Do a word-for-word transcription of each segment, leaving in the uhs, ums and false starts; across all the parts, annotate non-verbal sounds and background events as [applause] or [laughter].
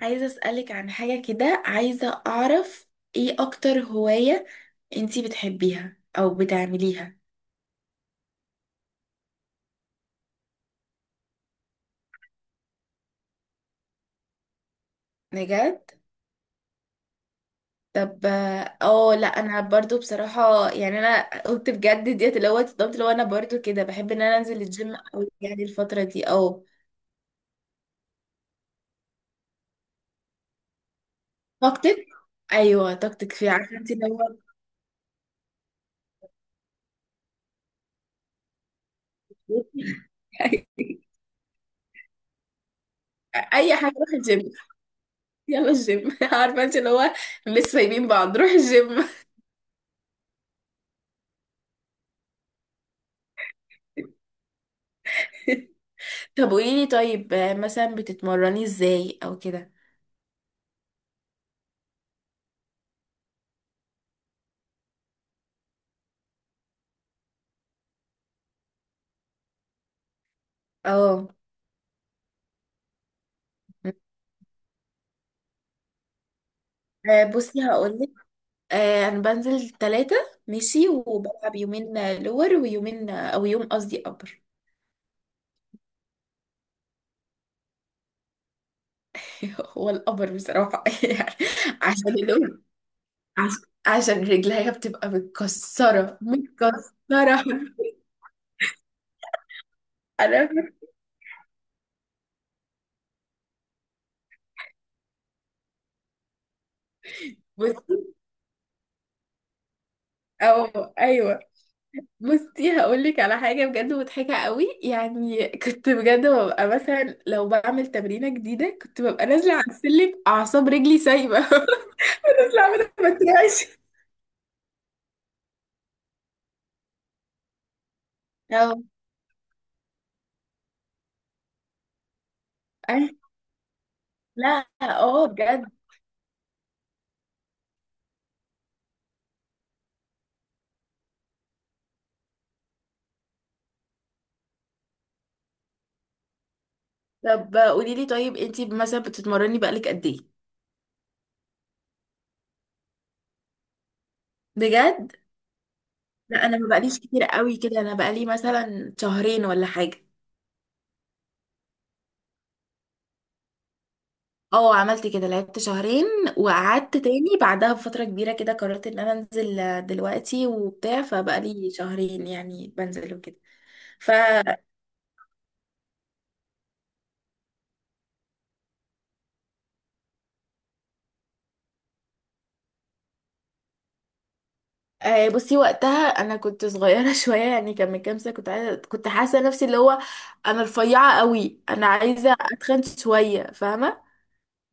عايزة أسألك عن حاجة كده، عايزة أعرف إيه أكتر هواية أنتي بتحبيها أو بتعمليها. بجد؟ طب اه لا، انا برضو بصراحة يعني انا قلت بجد ديت، اللي هو اتصدمت، اللي هو انا برضو كده بحب ان انا انزل الجيم، او يعني الفترة دي. اه طاقتك. ايوه طاقتك، في، عارفة انت اللي هو. [laughs] اي حاجة روح الجيم. يلا الجيم. [laughs] عارفة انت اللي هو، مش سايبين بعض، روح الجيم. [laughs] طب قوليلي طيب، آه، مثلا بتتمرني ازاي او كده؟ اه آه، بصي هقولك. آه، انا بنزل ثلاثة، ماشي، وبلعب يومين آه، لور، ويومين آه، او يوم قصدي ابر. [laughs] هو الابر بصراحة، [laughs] يعني عشان اللور، عش- عشان رجليها بتبقى متكسرة متكسرة. [laughs] انا بصي، او ايوه. بصي هقولك على حاجة بجد مضحكة قوي. يعني كنت بجد ببقى مثلا لو بعمل تمرينة جديدة، كنت ببقى نازلة على السلم أعصاب رجلي سايبة. [laughs] نازلة أعمل ما تريقش. أو أي، لا اه بجد. طب قولي لي طيب، انتي مثلا بتتمرني بقالك قد ايه؟ بجد، لا انا ما بقاليش كتير قوي كده، انا بقالي مثلا شهرين ولا حاجة. اه عملت كده لعبت شهرين، وقعدت تاني بعدها بفترة كبيرة كده قررت ان انا انزل آه، دلوقتي وبتاع، فبقالي شهرين يعني بنزل وكده. ف آه، بصي وقتها انا كنت صغيرة، [laughs] شوية يعني كان من كام سنة. كنت عايزة، كنت حاسة نفسي اللي هو انا رفيعة قوي، انا عايزة اتخن شوية، فاهمة؟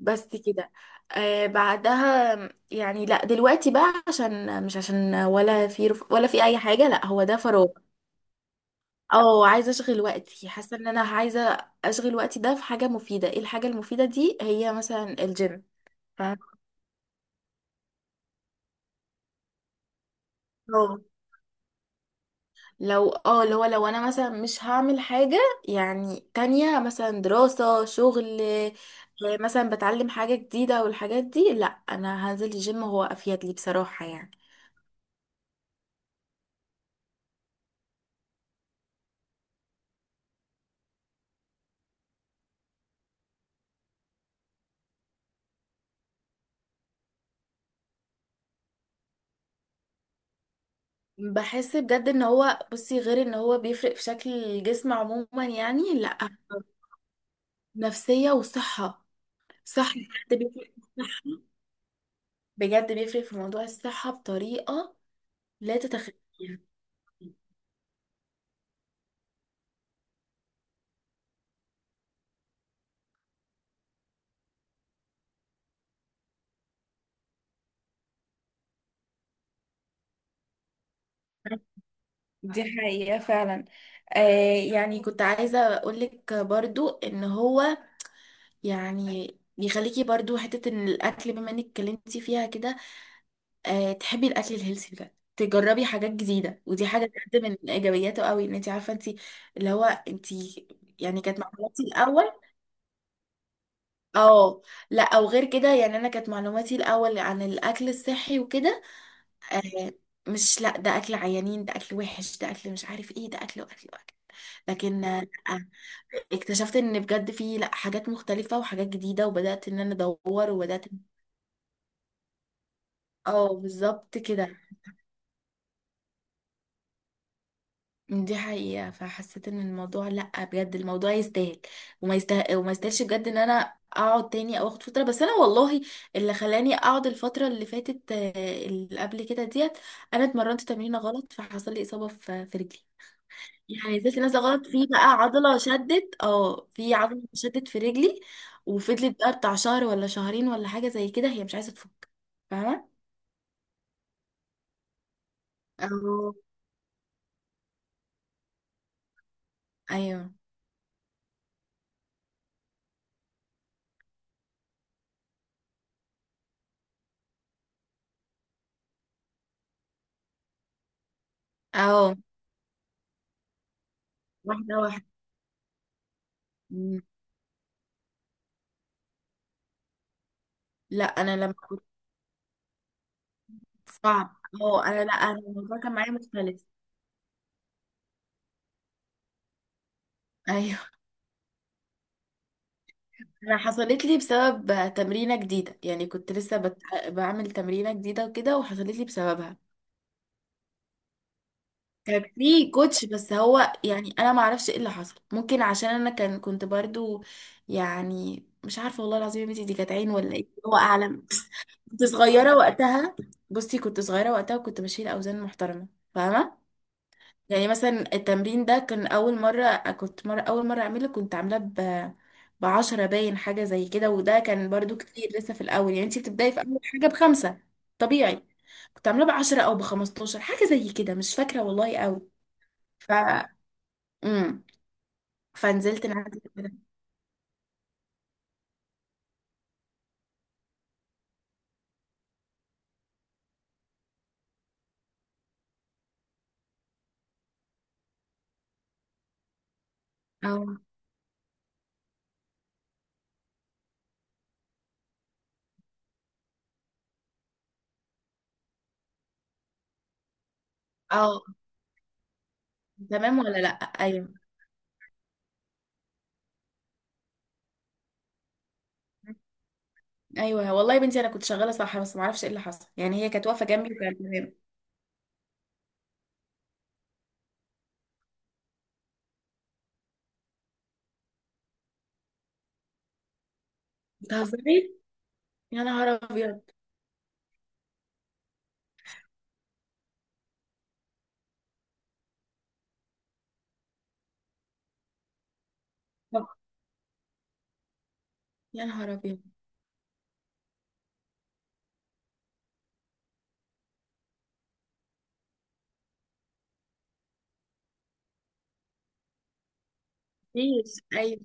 بس كده. آه بعدها يعني لا دلوقتي بقى عشان مش عشان ولا في رف... ولا في اي حاجة، لا هو ده فراغ. اه عايزه اشغل وقتي، حاسه ان انا عايزه اشغل وقتي ده في حاجه مفيده. ايه الحاجه المفيده دي؟ هي مثلا الجيم. فاهمة؟ اه لو اه اللي هو لو انا مثلا مش هعمل حاجه يعني تانية، مثلا دراسه، شغل، آه، مثلا بتعلم حاجه جديده والحاجات دي، لا انا هنزل الجيم هو افيد لي بصراحه يعني. بحس بجد ان هو، بصي، غير ان هو بيفرق في شكل الجسم عموما، يعني لا، نفسيه وصحه، صحه. بجد بيفرق في الصحة. بجد بيفرق في موضوع الصحة بطريقة لا تتخيليها. دي حقيقة فعلا. آه يعني كنت عايزة أقولك برضو إن هو يعني بيخليكي برضو حتة إن الأكل، بما إنك اتكلمتي فيها كده، آه تحبي الأكل الهيلثي بجد، تجربي حاجات جديدة، ودي حاجة بجد من إيجابياته قوي. إن أنت عارفة أنت اللي هو أنت، يعني كانت معلوماتي الأول، اه لا، أو غير كده يعني. أنا كانت معلوماتي الأول عن الأكل الصحي وكده، آه مش لا، ده اكل عيانين، ده اكل وحش، ده اكل مش عارف ايه، ده اكل واكل واكل. لكن آه، لأ، اكتشفت ان بجد في، لا، حاجات مختلفة وحاجات جديدة، وبدأت ان انا ادور وبدأت. اه بالظبط كده. دي حقيقة. فحسيت ان الموضوع، لا بجد الموضوع يستاهل وما يستاهل، وما يستاهلش بجد ان انا اقعد تاني او اخد فترة. بس انا والله اللي خلاني اقعد الفترة اللي فاتت، آه، اللي قبل كده ديت، انا اتمرنت تمرينة غلط فحصل لي اصابة في في رجلي. يعني نزلت نازله غلط، في بقى عضله شدت، اه في عضله شدت في رجلي. وفضلت بقى بتاع شهر ولا شهرين ولا حاجه زي كده هي مش عايزه تفك، فاهمه؟ اه ايوه اه. واحده واحده. مم. لا انا لما كنت، صعب، اه انا لا انا الموضوع كان معايا مختلف. ايوه، انا حصلت لي بسبب تمرينه جديده. يعني كنت لسه بت... بعمل تمرينه جديده وكده، وحصلت لي بسببها. كان في كوتش، بس هو يعني انا ما اعرفش ايه اللي حصل، ممكن عشان انا كان كنت برضو يعني مش عارفه. والله العظيم يا بنتي دي كانت عين ولا ايه، هو اعلم. كنت صغيره وقتها. بصي كنت صغيره وقتها وكنت بشيل اوزان محترمه، فاهمه؟ يعني مثلا التمرين ده كان اول مره، كنت مره اول مره اعمله، كنت عاملاه ب، بعشرة باين حاجه زي كده، وده كان برضو كتير لسه في الاول يعني. انتي بتبداي في اول حاجه بخمسة، طبيعي. كنت عاملاه بعشرة او بخمستاشر، حاجه زي كده مش فاكره والله قوي. ف، امم، فنزلت نعدي كده. اه اه. تمام ولا لا. ايوه. ايوه والله يا بنتي انا كنت شغاله صح، بس ما اعرفش ايه اللي حصل. يعني هي كانت واقفه جنبي وكانت تمام. بتهزري! يا نهار ابيض! طب، يا نهار ابيض. مفيش أيوه.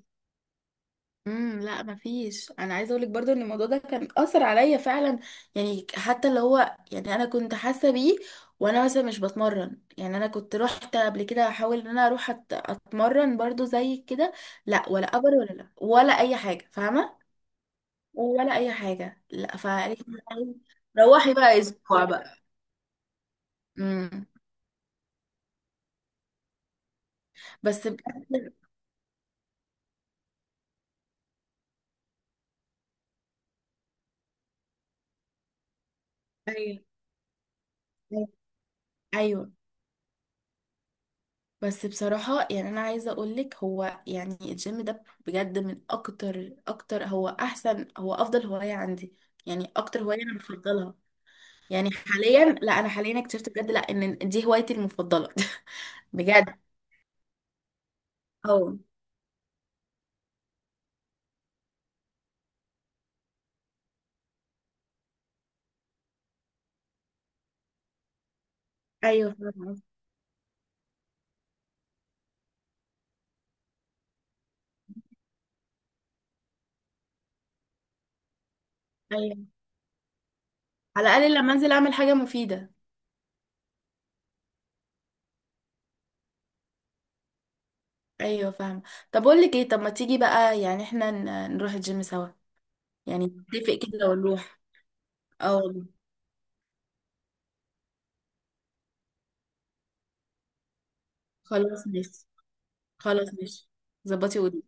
امم، لا مفيش. انا عايزه اقولك برضو ان الموضوع ده كان اثر عليا فعلا. يعني حتى اللي هو يعني انا كنت حاسه بيه وانا مثلا مش بتمرن. يعني انا كنت رحت قبل كده احاول ان انا اروح أت- اتمرن برضو زي كده، لا، ولا ابر ولا، لا ولا اي حاجه، فاهمه؟ ولا اي حاجه. لا فقالت لي روحي بقى اسبوع بقى. امم. بس بجد، ايوه ايوه. بس بصراحة يعني أنا عايزة أقولك، هو يعني الجيم ده بجد من أكتر أكتر، هو أحسن، هو أفضل هواية عندي. يعني أكتر هواية أنا بفضلها يعني حاليا. لا أنا حاليا اكتشفت بجد لا إن دي هوايتي المفضلة. [laughs] بجد أه. أيوه فاهمة. أيوه، على الأقل لما أنزل أعمل حاجة مفيدة. أيوه فاهمة. طب أقول لك إيه، طب ما تيجي بقى يعني إحنا ن- نروح الجيم سوا. يعني نتفق كده ونروح. أه والله. خلاص ماشي. خلاص ماشي. ظبطي ودي.